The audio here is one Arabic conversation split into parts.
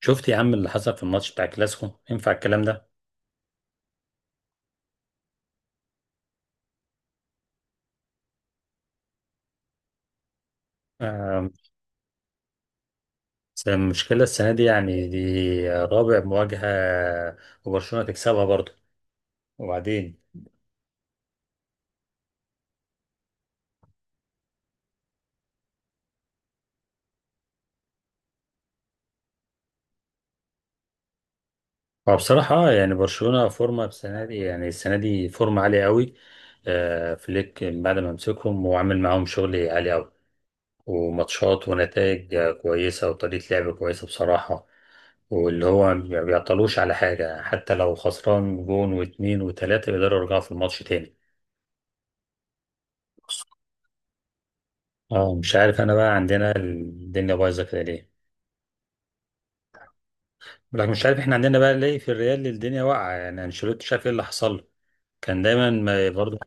شفت يا عم اللي حصل في الماتش بتاع كلاسيكو؟ ينفع الكلام ده؟ آه، بس المشكلة السنة دي، دي رابع مواجهة، وبرشلونة تكسبها برضه. وبعدين فبصراحة برشلونة فورمة السنة دي، السنة دي فورمة عالية قوي. فليك بعد ما مسكهم وعمل معاهم شغل عالي قوي، وماتشات ونتائج كويسة، وطريقة لعب كويسة بصراحة. واللي هو ما بيعطلوش على حاجة، حتى لو خسران جون واتنين وتلاتة يقدروا يرجعوا في الماتش تاني. اه، مش عارف انا بقى عندنا الدنيا بايظه كده ليه. لكن مش عارف احنا عندنا بقى ليه في الريال الدنيا واقعه. يعني انشيلوتي شاف ايه اللي حصل له، كان دايما ما برضه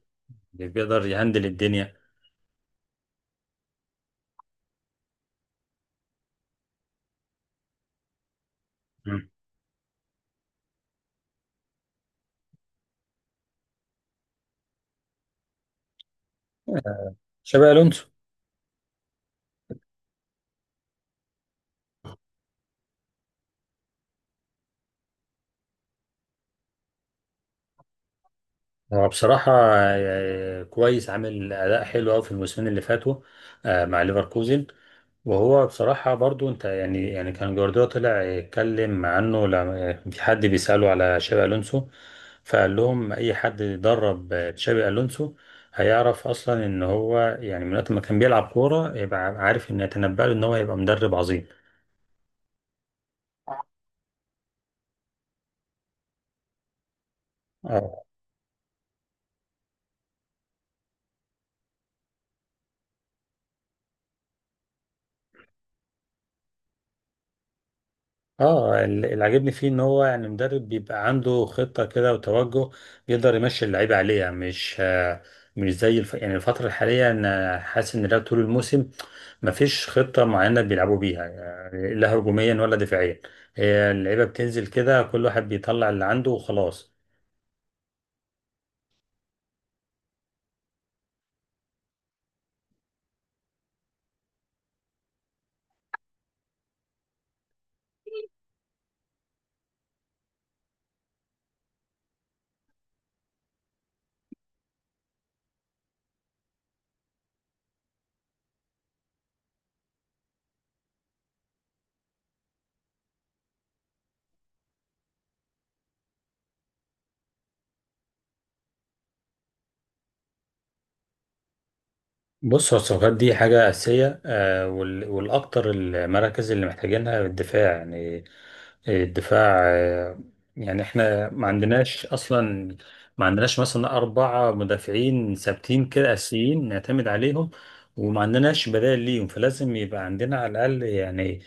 بيقدر يهندل الدنيا. مم. شابي الونسو هو بصراحه كويس، عامل اداء حلو قوي في الموسمين اللي فاتوا، مع ليفركوزن. وهو بصراحة برضو انت يعني كان جوارديولا طلع يتكلم عنه لما في حد بيسأله على شابي ألونسو، فقال لهم أي حد درب تشابي ألونسو هيعرف أصلا إن هو، من وقت ما كان بيلعب كورة يبقى عارف إن يتنبأ له إن هو هيبقى مدرب عظيم. اه. اللي عاجبني فيه ان هو مدرب بيبقى عنده خطة كده وتوجه، يقدر يمشي اللعيبة عليها. مش مش يعني الفترة الحالية انا حاسس ان ده طول الموسم مفيش خطة معينة بيلعبوا بيها، يعني لا هجوميا ولا دفاعيا. هي اللعيبة بتنزل كده، كل واحد بيطلع اللي عنده وخلاص. بص، هو الصفقات دي حاجة أساسية والأكتر المراكز اللي محتاجينها الدفاع. يعني الدفاع يعني احنا ما عندناش أصلا، ما عندناش مثلا 4 مدافعين ثابتين كده أساسيين نعتمد عليهم، وما عندناش بدائل ليهم. فلازم يبقى عندنا على الأقل يعني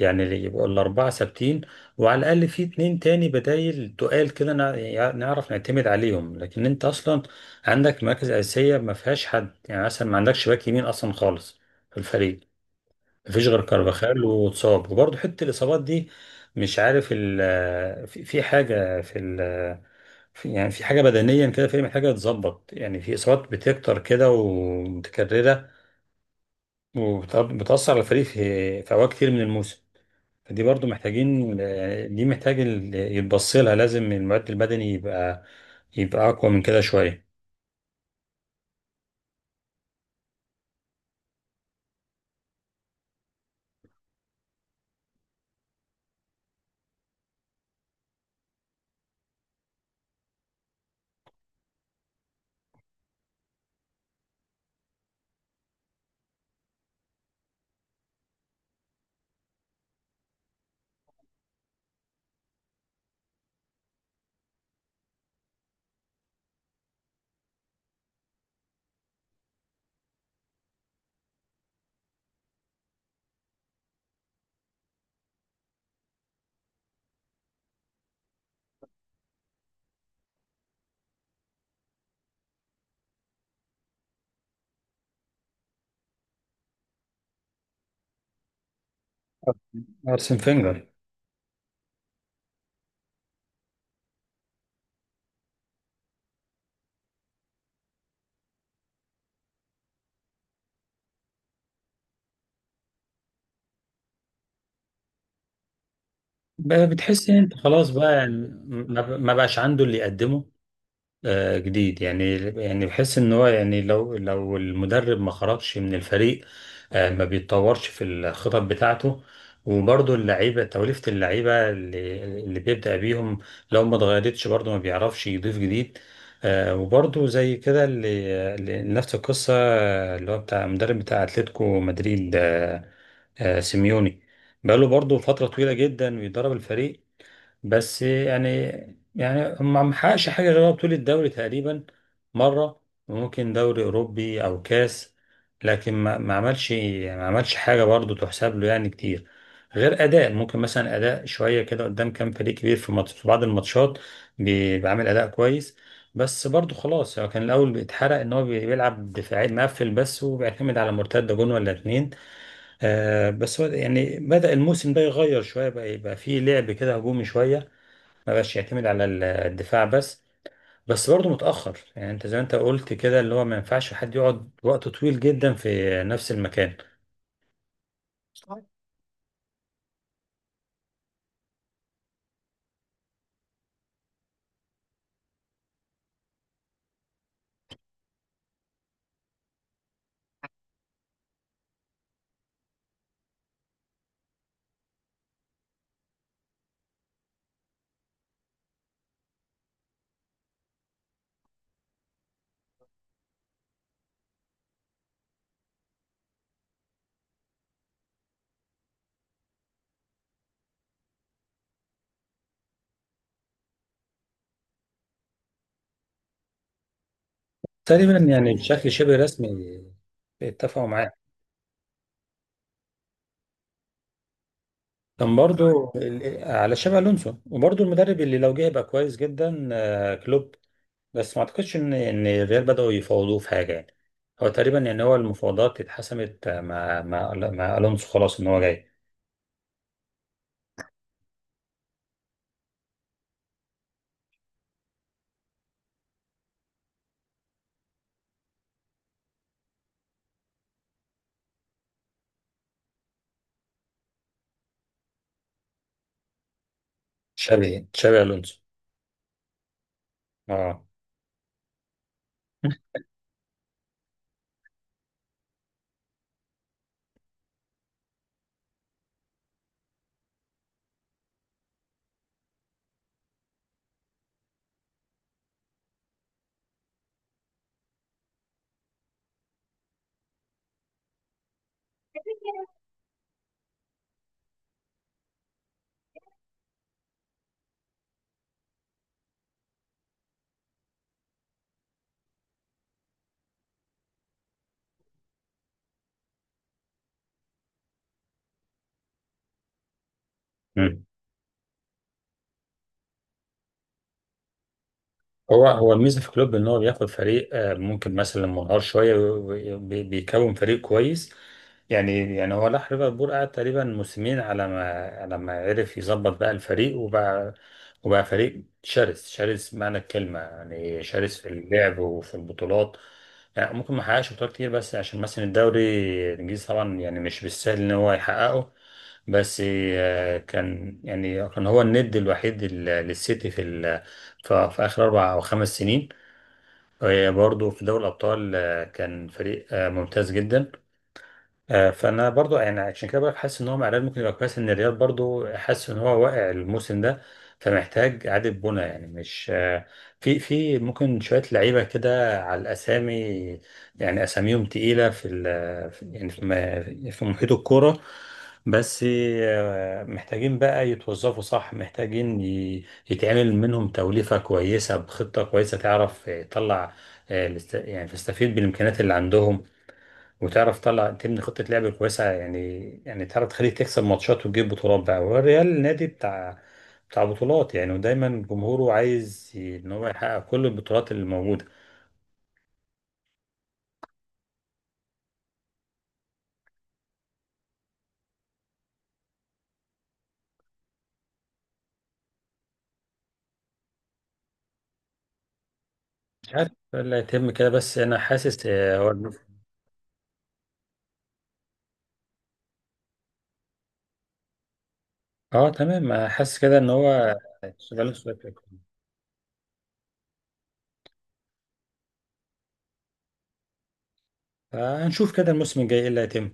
يعني اللي يبقوا الأربعة ثابتين، وعلى الأقل في اتنين تاني بدايل تقال كده، يعني نعرف نعتمد عليهم. لكن أنت أصلا عندك مراكز أساسية ما فيهاش حد. يعني مثلا ما عندكش باك يمين أصلا خالص في الفريق، ما فيش غير كارفاخال واتصاب، وبرضه حتة الإصابات دي. مش عارف ال في في حاجة في ال في يعني في حاجة بدنيا كده، في محتاجة تتظبط. يعني في إصابات بتكتر كده ومتكررة، وبتأثر على الفريق في أوقات كتير من الموسم. فدي برضو محتاجين، دي محتاج يتبص لها، لازم المعد البدني يبقى أقوى من كده شوية. أرسن فينجر. بقى بتحس ان انت خلاص بقى، يعني ما بقاش عنده اللي يقدمه جديد. يعني بحس ان هو، يعني لو المدرب ما خرجش من الفريق ما بيتطورش في الخطط بتاعته. وبرضه اللعيبه، توليفه اللعيبه اللي بيبدأ بيهم لو ما اتغيرتش برضه ما بيعرفش يضيف جديد وبرضه زي كده اللي نفس القصه اللي هو بتاع المدرب بتاع اتلتيكو مدريد سيميوني، بقاله برضه فترة طويلة جدا بيدرب الفريق. بس يعني، ما محققش حاجة غير بطولة الدوري تقريبا مرة، وممكن دوري أوروبي أو كاس. لكن ما عملش، حاجة برضو تحسب له يعني كتير، غير أداء. ممكن مثلا أداء شوية كده قدام كام فريق كبير في ماتش، في بعض الماتشات بيعمل أداء كويس. بس برضو خلاص، هو كان الأول بيتحرق إن هو بيلعب دفاعي مقفل بس، وبيعتمد على مرتدة جون ولا اتنين. آه، بس هو يعني بدأ الموسم ده يغير شوية بقى، يبقى فيه لعب كده هجومي شوية، ما بقاش يعتمد على الدفاع بس. بس برضه متأخر. يعني انت زي ما انت قلت كده، اللي هو ما ينفعش حد يقعد وقت طويل جدا في نفس المكان. تقريبا يعني بشكل شبه رسمي اتفقوا معاه. كان برضه على شبه الونسو. وبرضه المدرب اللي لو جه يبقى كويس جدا كلوب. بس ما اعتقدش ان الريال بدأوا يفاوضوه في حاجة. يعني هو تقريبا، يعني هو المفاوضات اتحسمت مع الونسو خلاص، ان هو جاي. شابي الونسو. اه، هو الميزه في كلوب ان هو بياخد فريق ممكن مثلا منهار شويه، بيكون فريق كويس. يعني هو راح ليفربول، قعد تقريبا موسمين على ما عرف يظبط بقى الفريق، وبقى فريق شرس، شرس معنى الكلمه، يعني شرس في اللعب وفي البطولات. يعني ممكن ما حققش بطولات كتير، بس عشان مثلا الدوري الانجليزي طبعا يعني مش بالسهل ان هو يحققه. بس كان يعني، كان هو الند الوحيد للسيتي في ففي آخر 4 أو 5 سنين. وهي برضه في دوري الأبطال كان فريق ممتاز جدا. فانا برضو، يعني عشان كده بقولك، حاسس ان هو مع الريال ممكن يبقى كويس. ان الريال برضو حاسس ان هو واقع الموسم ده، فمحتاج اعاده بناء. يعني مش في ممكن شويه لعيبه كده على الاسامي، يعني اساميهم تقيله في يعني في في محيط الكوره. بس محتاجين بقى يتوظفوا صح، محتاجين يتعمل منهم توليفه كويسه بخطه كويسه، تعرف تطلع يعني تستفيد بالامكانيات اللي عندهم، وتعرف تطلع تبني خطة لعب كويسة. يعني تعرف تخليه تكسب ماتشات وتجيب بطولات بقى. والريال نادي بتاع بطولات، يعني ودايما جمهوره عايز ان هو يحقق كل البطولات اللي موجودة. مش عارف اللي هيتم كده، بس انا حاسس اه، تمام. حاسس كده ان هو شغال شوية في الكورة. فهنشوف كده الموسم الجاي ايه اللي هيتم.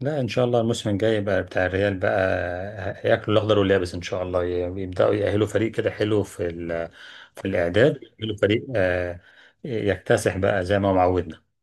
لا، ان شاء الله الموسم الجاي بقى بتاع الريال بقى، هياكلوا الاخضر واليابس. ان شاء الله يبداوا يأهلوا فريق كده حلو في في الاعداد، يأهلوا فريق يكتسح بقى زي ما هو معودنا.